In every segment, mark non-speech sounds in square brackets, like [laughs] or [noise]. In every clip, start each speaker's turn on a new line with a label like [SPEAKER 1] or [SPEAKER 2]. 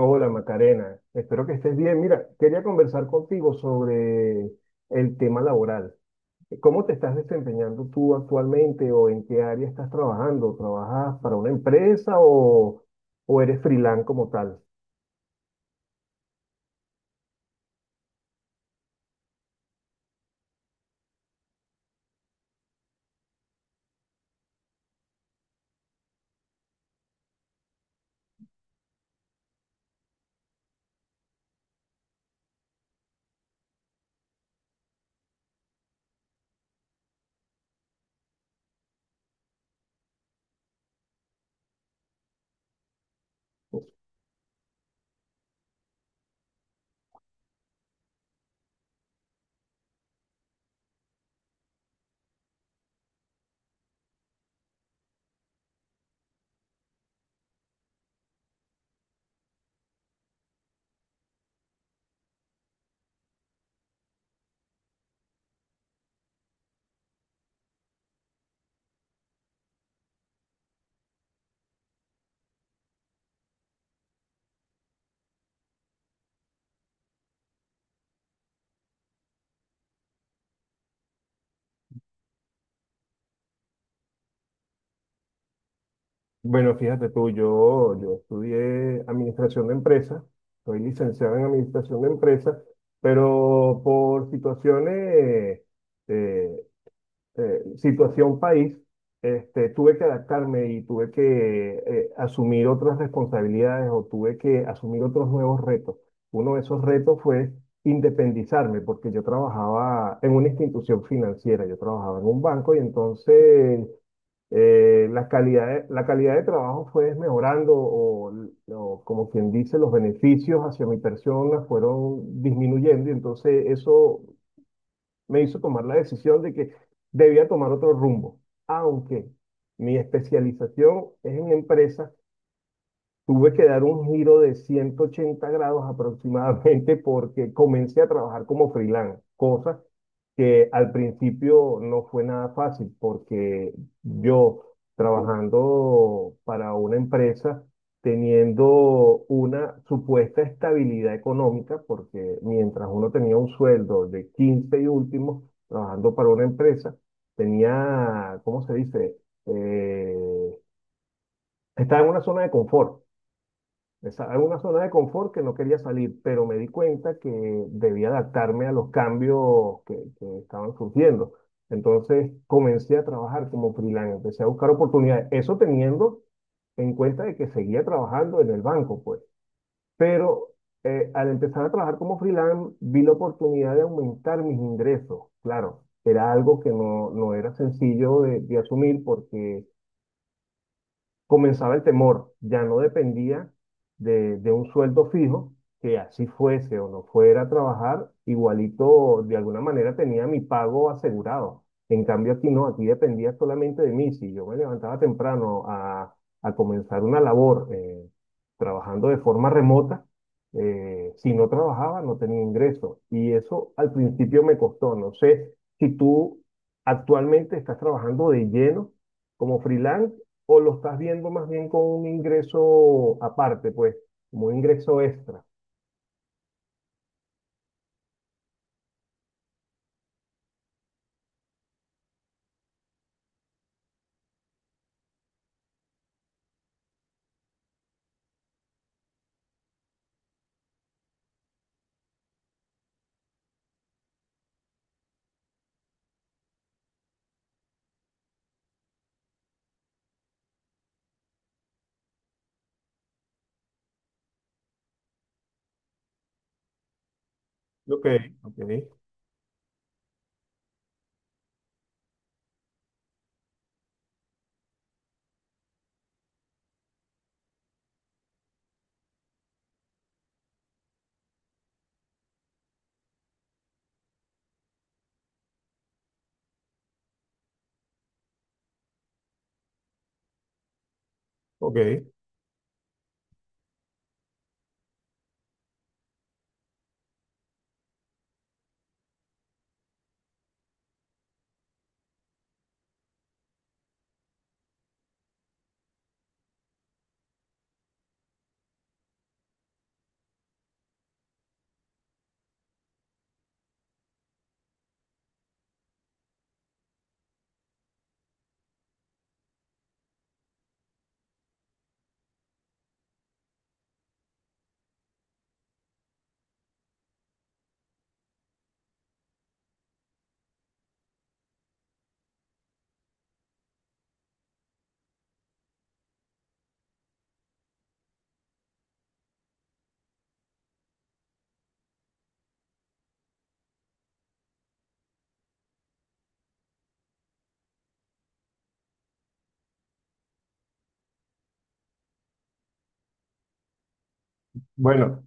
[SPEAKER 1] Hola Macarena, espero que estés bien. Mira, quería conversar contigo sobre el tema laboral. ¿Cómo te estás desempeñando tú actualmente o en qué área estás trabajando? ¿Trabajas para una empresa o eres freelance como tal? Bueno, fíjate tú, yo estudié administración de empresas, soy licenciado en administración de empresas, pero por situaciones eh, situación país, tuve que adaptarme y tuve que asumir otras responsabilidades o tuve que asumir otros nuevos retos. Uno de esos retos fue independizarme, porque yo trabajaba en una institución financiera, yo trabajaba en un banco y entonces la calidad de trabajo fue mejorando o como quien dice, los beneficios hacia mi persona fueron disminuyendo y entonces eso me hizo tomar la decisión de que debía tomar otro rumbo, aunque mi especialización es en empresas. Tuve que dar un giro de 180 grados aproximadamente [laughs] porque comencé a trabajar como freelance, cosa que al principio no fue nada fácil porque yo trabajando para una empresa, teniendo una supuesta estabilidad económica, porque mientras uno tenía un sueldo de 15 y último, trabajando para una empresa, tenía, ¿cómo se dice? Eh, Estaba en una zona de confort. Estaba en una zona de confort que no quería salir, pero me di cuenta que debía adaptarme a los cambios que estaban surgiendo. Entonces comencé a trabajar como freelance, empecé a buscar oportunidades. Eso teniendo en cuenta de que seguía trabajando en el banco, pues. Pero al empezar a trabajar como freelance, vi la oportunidad de aumentar mis ingresos. Claro, era algo que no era sencillo de asumir porque comenzaba el temor, ya no dependía de un sueldo fijo, que así fuese o no fuera a trabajar, igualito de alguna manera tenía mi pago asegurado. En cambio aquí no, aquí dependía solamente de mí. Si yo me levantaba temprano a comenzar una labor trabajando de forma remota, si no trabajaba no tenía ingreso. Y eso al principio me costó. No sé si tú actualmente estás trabajando de lleno como freelance o lo estás viendo más bien con un ingreso aparte, pues, como un ingreso extra. Ok, ok, ok. Bueno.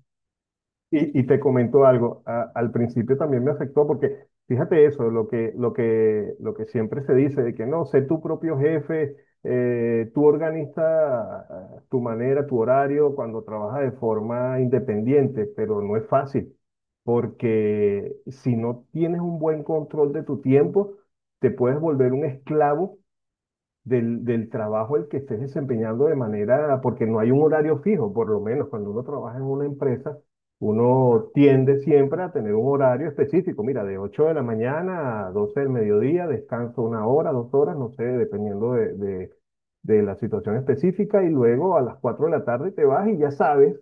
[SPEAKER 1] Y te comento algo, al principio también me afectó porque fíjate eso, lo que siempre se dice de que no, sé tu propio jefe, tú organiza tu manera, tu horario cuando trabajas de forma independiente, pero no es fácil porque si no tienes un buen control de tu tiempo, te puedes volver un esclavo del trabajo el que estés desempeñando de manera, porque no hay un horario fijo, por lo menos cuando uno trabaja en una empresa, uno tiende siempre a tener un horario específico, mira, de 8 de la mañana a 12 del mediodía, descanso 1 hora, 2 horas, no sé, dependiendo de la situación específica, y luego a las 4 de la tarde te vas y ya sabes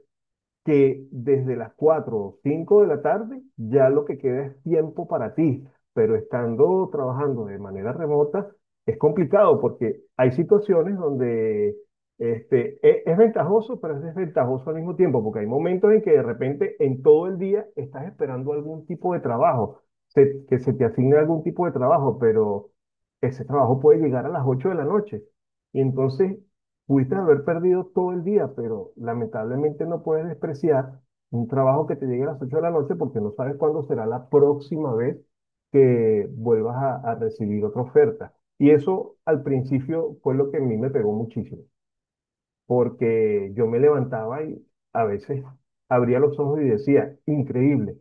[SPEAKER 1] que desde las 4 o 5 de la tarde ya lo que queda es tiempo para ti, pero estando trabajando de manera remota es complicado porque hay situaciones donde es ventajoso, pero es desventajoso al mismo tiempo, porque hay momentos en que de repente en todo el día estás esperando algún tipo de trabajo, que se te asigne algún tipo de trabajo, pero ese trabajo puede llegar a las 8 de la noche. Y entonces pudiste haber perdido todo el día, pero lamentablemente no puedes despreciar un trabajo que te llegue a las 8 de la noche porque no sabes cuándo será la próxima vez que vuelvas a recibir otra oferta. Y eso al principio fue lo que a mí me pegó muchísimo, porque yo me levantaba y a veces abría los ojos y decía, increíble,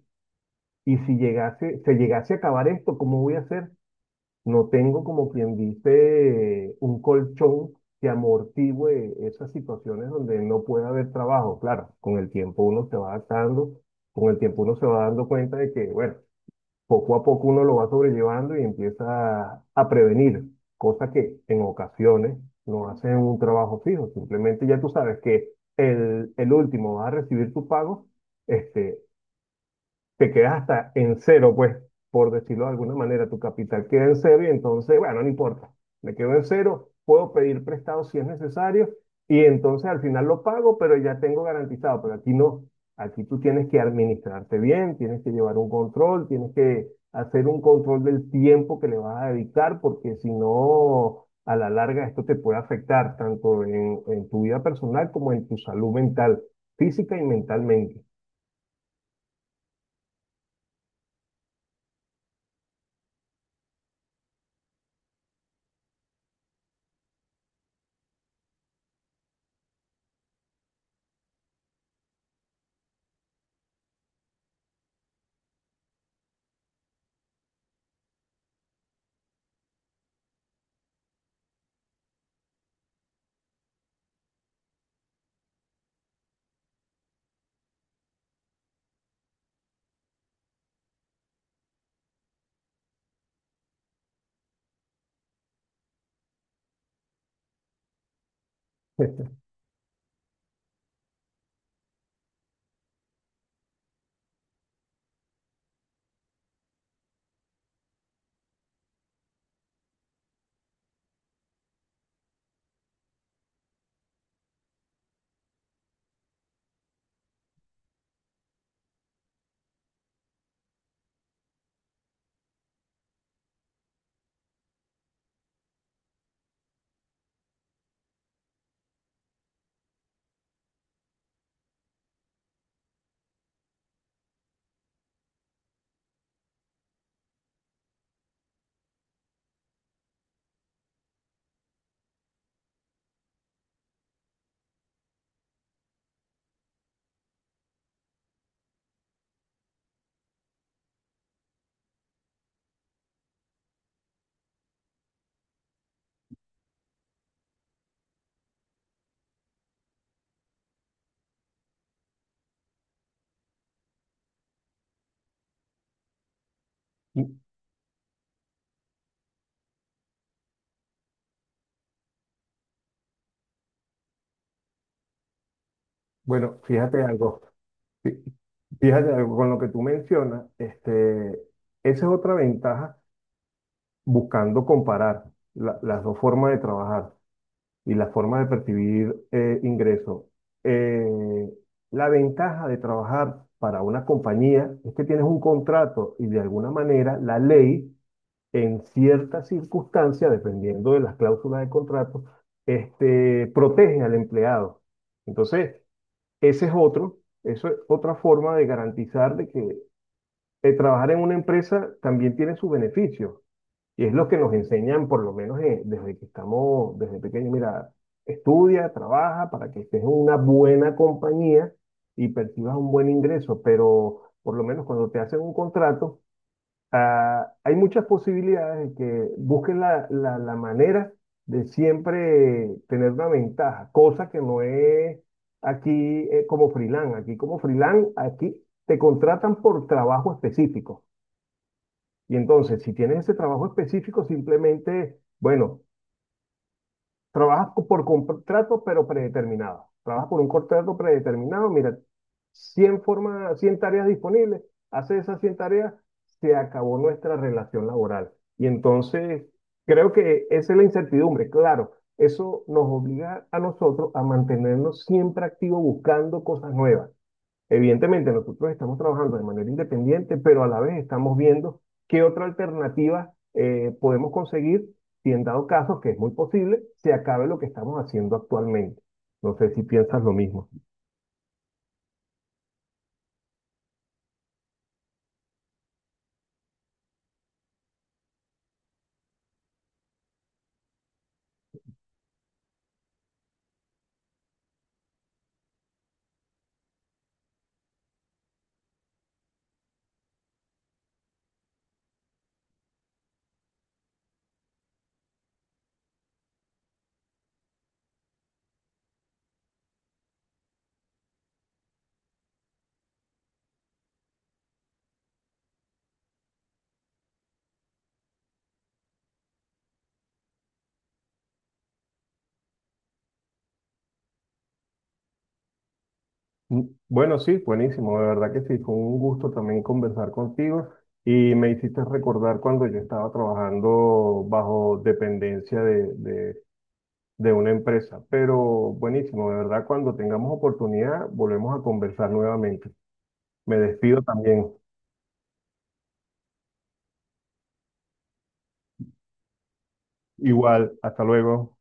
[SPEAKER 1] y si llegase, se llegase a acabar esto, ¿cómo voy a hacer? No tengo, como quien dice, un colchón que amortigüe esas situaciones donde no puede haber trabajo. Claro, con el tiempo uno se va adaptando, con el tiempo uno se va dando cuenta de que, bueno, poco a poco uno lo va sobrellevando y empieza a prevenir, cosas que en ocasiones no hacen un trabajo fijo. Simplemente ya tú sabes que el último va a recibir tu pago este, te quedas hasta en cero, pues, por decirlo de alguna manera, tu capital queda en cero y entonces, bueno, no importa, me quedo en cero, puedo pedir prestado si es necesario y entonces al final lo pago, pero ya tengo garantizado, pero aquí no, aquí tú tienes que administrarte bien, tienes que llevar un control, tienes que hacer un control del tiempo que le vas a dedicar, porque si no, a la larga esto te puede afectar tanto en tu vida personal como en tu salud mental, física y mentalmente. [laughs] Bueno, fíjate algo, fí- fíjate algo con lo que tú mencionas, esa es otra ventaja buscando comparar las dos formas de trabajar y la forma de percibir ingresos. Eh, la ventaja de trabajar para una compañía es que tienes un contrato y de alguna manera la ley, en ciertas circunstancias, dependiendo de las cláusulas de contrato, protege al empleado. Entonces, ese es otro, eso es otra forma de garantizar de que el trabajar en una empresa también tiene sus beneficios. Y es lo que nos enseñan, por lo menos desde que estamos, desde pequeños. Mira, estudia, trabaja para que estés en una buena compañía y percibas un buen ingreso. Pero por lo menos cuando te hacen un contrato, ah, hay muchas posibilidades de que busquen la manera de siempre tener una ventaja, cosa que no es aquí como freelance. Aquí como freelance, aquí te contratan por trabajo específico. Y entonces, si tienes ese trabajo específico, simplemente, bueno, trabajas por contrato, pero predeterminado. Trabajas por un contrato predeterminado. Mira, 100 formas, 100 tareas disponibles. Haces esas 100 tareas, se acabó nuestra relación laboral. Y entonces, creo que esa es la incertidumbre. Claro, eso nos obliga a nosotros a mantenernos siempre activos buscando cosas nuevas. Evidentemente, nosotros estamos trabajando de manera independiente, pero a la vez estamos viendo qué otra alternativa podemos conseguir si en dado caso, que es muy posible, se acabe lo que estamos haciendo actualmente. No sé si piensas lo mismo. Bueno, sí, buenísimo. De verdad que sí, fue un gusto también conversar contigo y me hiciste recordar cuando yo estaba trabajando bajo dependencia de una empresa. Pero buenísimo, de verdad, cuando tengamos oportunidad, volvemos a conversar nuevamente. Me despido también. Igual, hasta luego.